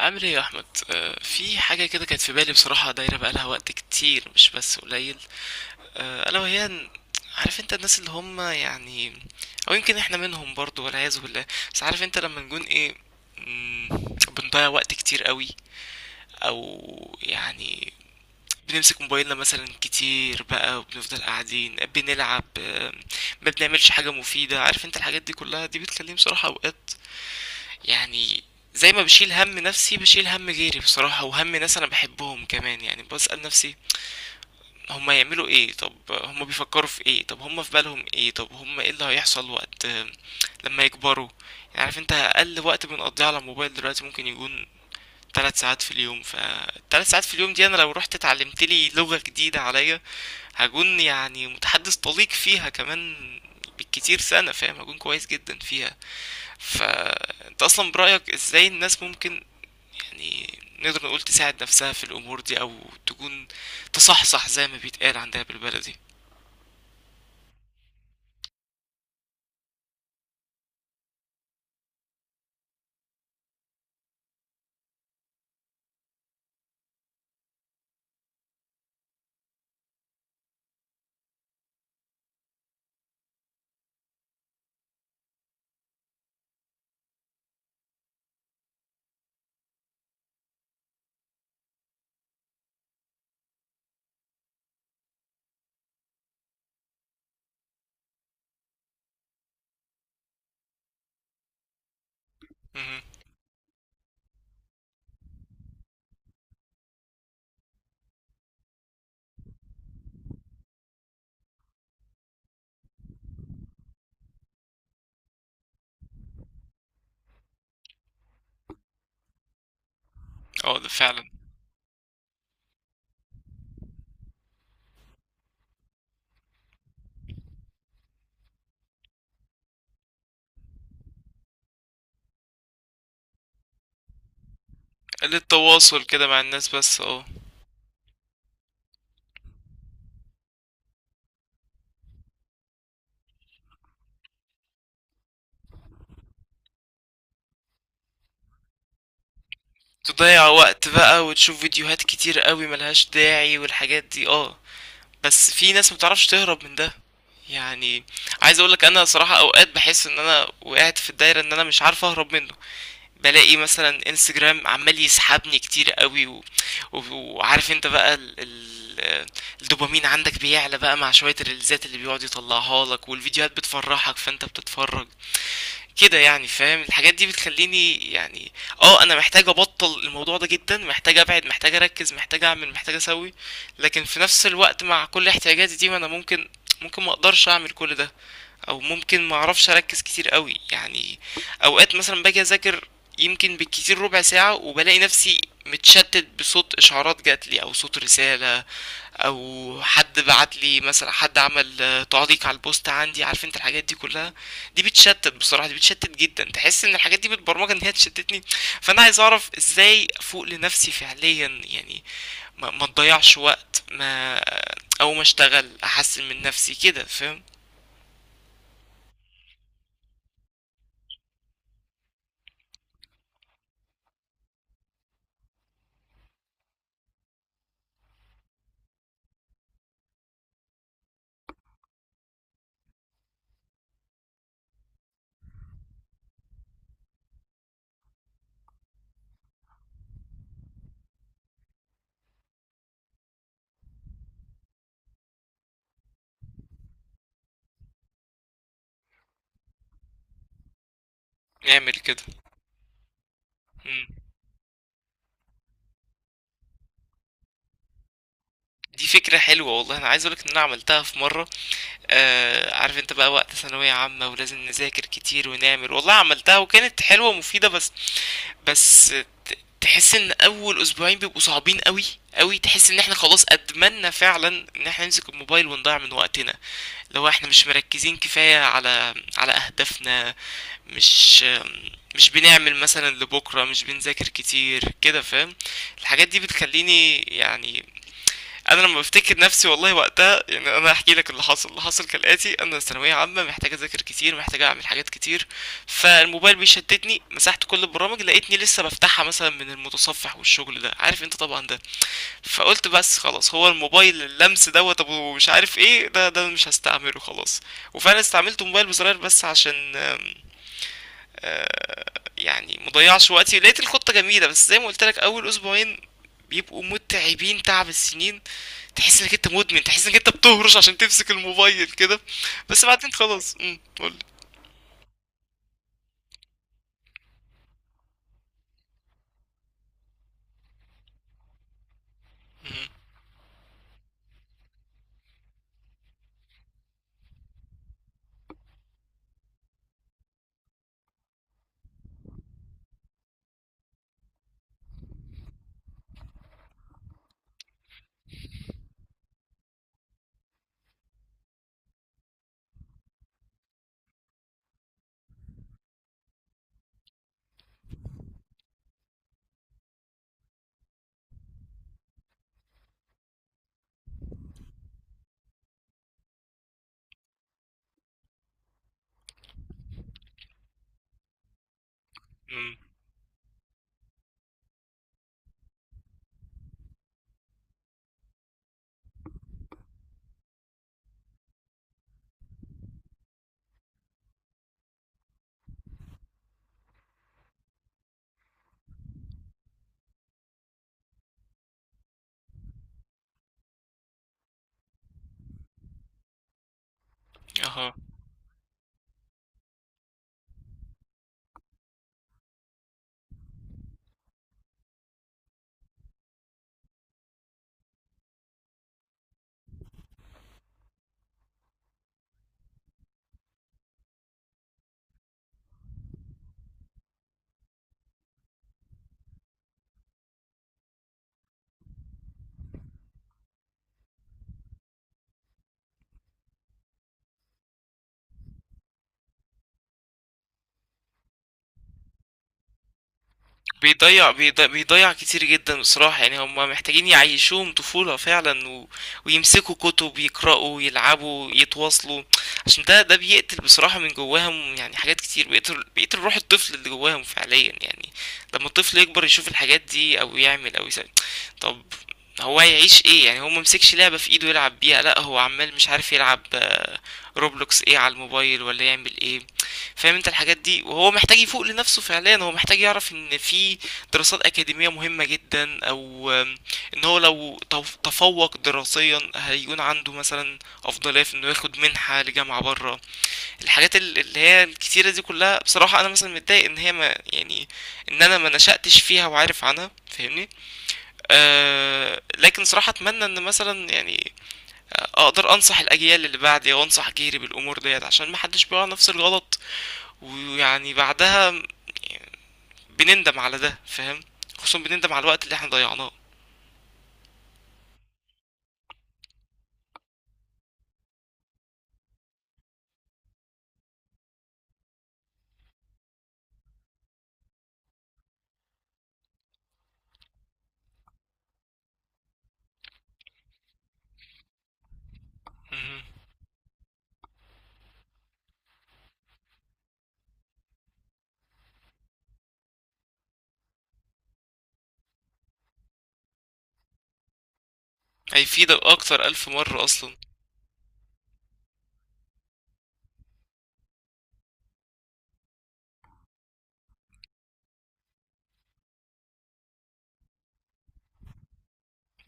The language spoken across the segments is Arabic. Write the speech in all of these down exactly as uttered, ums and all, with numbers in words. عامل ايه يا احمد؟ آه، في حاجه كده كانت في بالي، بصراحه دايره بقالها وقت كتير مش بس قليل. آه، الا وهي إن- عارف انت الناس اللي هم يعني، او يمكن احنا منهم برضو، والعياذ بالله. بس عارف انت لما نكون ايه، مم، بنضيع وقت كتير قوي. او يعني بنمسك موبايلنا مثلا كتير بقى، وبنفضل قاعدين بنلعب، آه، ما بنعملش حاجه مفيده. عارف انت الحاجات دي كلها، دي بتخليني بصراحه اوقات يعني زي ما بشيل هم نفسي بشيل هم غيري، بصراحة. وهم ناس أنا بحبهم كمان. يعني بسأل نفسي هما يعملوا ايه، طب هما بيفكروا في ايه، طب هما في بالهم ايه، طب هما ايه اللي هيحصل وقت لما يكبروا. يعني عارف انت أقل وقت بنقضيه على الموبايل دلوقتي ممكن يكون تلات ساعات في اليوم. فالتلات ساعات في اليوم دي أنا لو رحت اتعلمت لي لغة جديدة عليا هكون يعني متحدث طليق فيها كمان، بالكتير سنة. فاهم؟ هكون كويس جدا فيها. فانت اصلا برأيك ازاي الناس ممكن يعني نقدر نقول تساعد نفسها في الأمور دي، أو تكون تصحصح زي ما بيتقال عندها بالبلدي؟ مهم. اه، ده فعلا. قلة تواصل كده مع الناس، بس اه. تضيع وقت بقى وتشوف فيديوهات كتير قوي ملهاش داعي، والحاجات دي اه. بس في ناس مبتعرفش تهرب من ده، يعني. عايز اقولك انا صراحة اوقات بحس ان انا وقعت في الدايرة، ان انا مش عارف اهرب منه. بالاقي مثلا انستجرام عمال يسحبني كتير قوي، و... و... وعارف انت بقى ال... ال... الدوبامين عندك بيعلى بقى مع شوية الريلزات اللي بيقعد يطلعها لك، والفيديوهات بتفرحك فانت بتتفرج كده. يعني فاهم؟ الحاجات دي بتخليني يعني اه انا محتاج ابطل الموضوع ده جدا، محتاج ابعد، محتاج اركز، محتاج اعمل، محتاج اسوي. لكن في نفس الوقت، مع كل احتياجاتي دي، ما انا ممكن ممكن ما اقدرش اعمل كل ده، او ممكن ما اعرفش اركز كتير قوي يعني. اوقات مثلا باجي اذاكر، يمكن بالكتير ربع ساعة، وبلاقي نفسي متشتت بصوت اشعارات جاتلي، او صوت رسالة، او حد بعتلي مثلا، حد عمل آه، تعليق على البوست عندي. عارف انت الحاجات دي كلها دي بتشتت بصراحة، دي بتشتت جدا. تحس ان الحاجات دي متبرمجة ان هي تشتتني. فانا عايز اعرف ازاي افوق لنفسي فعليا يعني. ما, ما تضيعش وقت، ما، او ما اشتغل احسن من نفسي كده. فاهم؟ اعمل كده. دي فكرة حلوة والله. أنا عايز أقولك إن أنا عملتها في مرة. آه، عارف أنت بقى وقت ثانوية عامة، ولازم نذاكر كتير ونعمل. والله عملتها وكانت حلوة ومفيدة، بس. بس ت- تحس إن أول أسبوعين بيبقوا صعبين أوي أوي. تحس إن إحنا خلاص أدمنا فعلا إن إحنا نمسك الموبايل ونضيع من وقتنا لو إحنا مش مركزين كفاية على على أهدافنا. مش مش بنعمل مثلا لبكرة، مش بنذاكر كتير كده. فاهم؟ الحاجات دي بتخليني يعني انا لما بفتكر نفسي والله وقتها، يعني انا هحكي لك اللي حصل. اللي حصل كالاتي: انا ثانويه عامه محتاج اذاكر كتير، محتاج اعمل حاجات كتير، فالموبايل بيشتتني. مسحت كل البرامج، لقيتني لسه بفتحها مثلا من المتصفح والشغل ده. عارف انت طبعا ده. فقلت بس خلاص، هو الموبايل اللمس دوت ابو مش عارف ايه ده، ده مش هستعمله خلاص. وفعلا استعملت موبايل بزرار بس عشان يعني مضيعش وقتي. لقيت الخطة جميلة، بس زي ما قلت لك اول اسبوعين بيبقوا متعبين تعب السنين. تحس انك انت مدمن، تحس انك انت بتهرش عشان تمسك الموبايل كده. بس بعدين خلاص. امم قول. امم اها. بيضيع بيضيع, بيضيع كتير جدا بصراحة. يعني هم محتاجين يعيشوهم طفولة فعلا، و... ويمسكوا كتب يقرأوا يلعبوا يتواصلوا. عشان ده ده بيقتل بصراحة من جواهم يعني، حاجات كتير. بيقتل بيقتل روح الطفل اللي جواهم فعليا يعني، لما الطفل يكبر يشوف الحاجات دي أو يعمل أو يسوي. طب هو هيعيش ايه يعني؟ هو ممسكش لعبة في ايده يلعب بيها؟ لا، هو عمال مش عارف يلعب، آه، روبلوكس ايه على الموبايل ولا يعمل ايه. فاهم انت الحاجات دي؟ وهو محتاج يفوق لنفسه فعليا. هو محتاج يعرف ان في دراسات اكاديمية مهمة جدا، او آم، ان هو لو تف- تفوق دراسيا هيكون عنده مثلا افضلية في انه ياخد منحة لجامعة برا. الحاجات ال- اللي هي الكتيرة دي كلها، بصراحة انا مثلا متضايق ان هي ما يعني ان انا ما نشأتش فيها وعارف عنها. فاهمني؟ آه، لكن صراحة أتمنى إن مثلا يعني آه، أقدر أنصح الأجيال اللي بعدي، أو أنصح جيري بالأمور ديت، عشان محدش بيقع نفس الغلط. ويعني بعدها بنندم على ده. فاهم؟ خصوصا بنندم على الوقت اللي احنا ضيعناه. مهم. هيفيدك أكتر ألف مرة أصلا.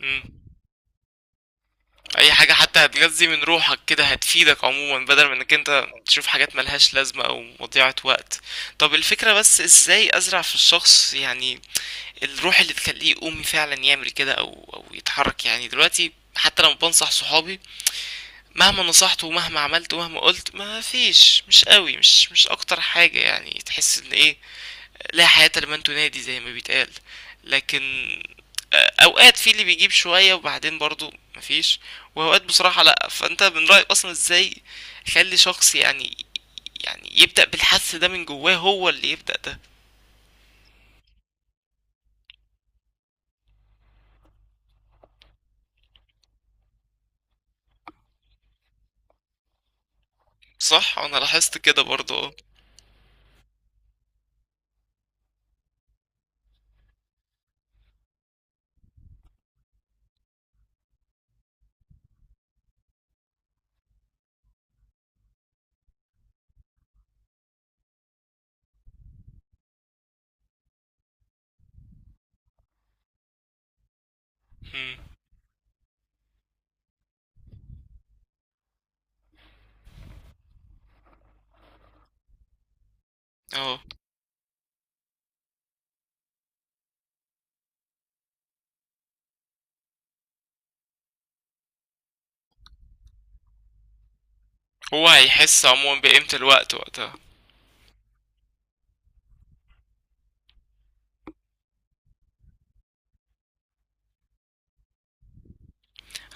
مم. أي حاجة حتى هتغذي من روحك كده هتفيدك عموما، بدل من إنك أنت تشوف حاجات ملهاش لازمة أو مضيعة وقت. طب الفكرة بس إزاي أزرع في الشخص يعني الروح اللي تخليه يقوم فعلا يعمل كده او او يتحرك يعني؟ دلوقتي حتى لما بنصح صحابي، مهما نصحت ومهما عملت ومهما قلت ما فيش، مش قوي، مش مش اكتر حاجة. يعني تحس ان ايه، لا حياة لمن تنادي زي ما بيتقال. لكن آه، اوقات في اللي بيجيب شوية وبعدين برضو مفيش، واوقات بصراحة لا. فانت من رأيك اصلا ازاي خلي شخص يعني يعني يبدأ بالحس ده من جواه، هو اللي يبدأ ده؟ صح، انا لاحظت كده برضو اه. مم. اه، هو هيحس عموما بقيمة الوقت وقتها.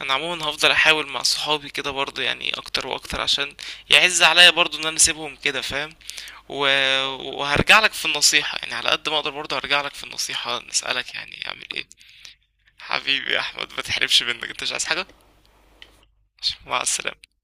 انا عموما هفضل احاول مع صحابي كده برضه، يعني اكتر واكتر، عشان يعز عليا برضه ان انا اسيبهم كده. فاهم؟ و... وهرجع لك في النصيحة، يعني على قد ما اقدر برضه هرجع لك في النصيحة نسألك يعني اعمل ايه. حبيبي يا احمد، ما تحرمش منك. انت مش عايز حاجة. مع السلامة.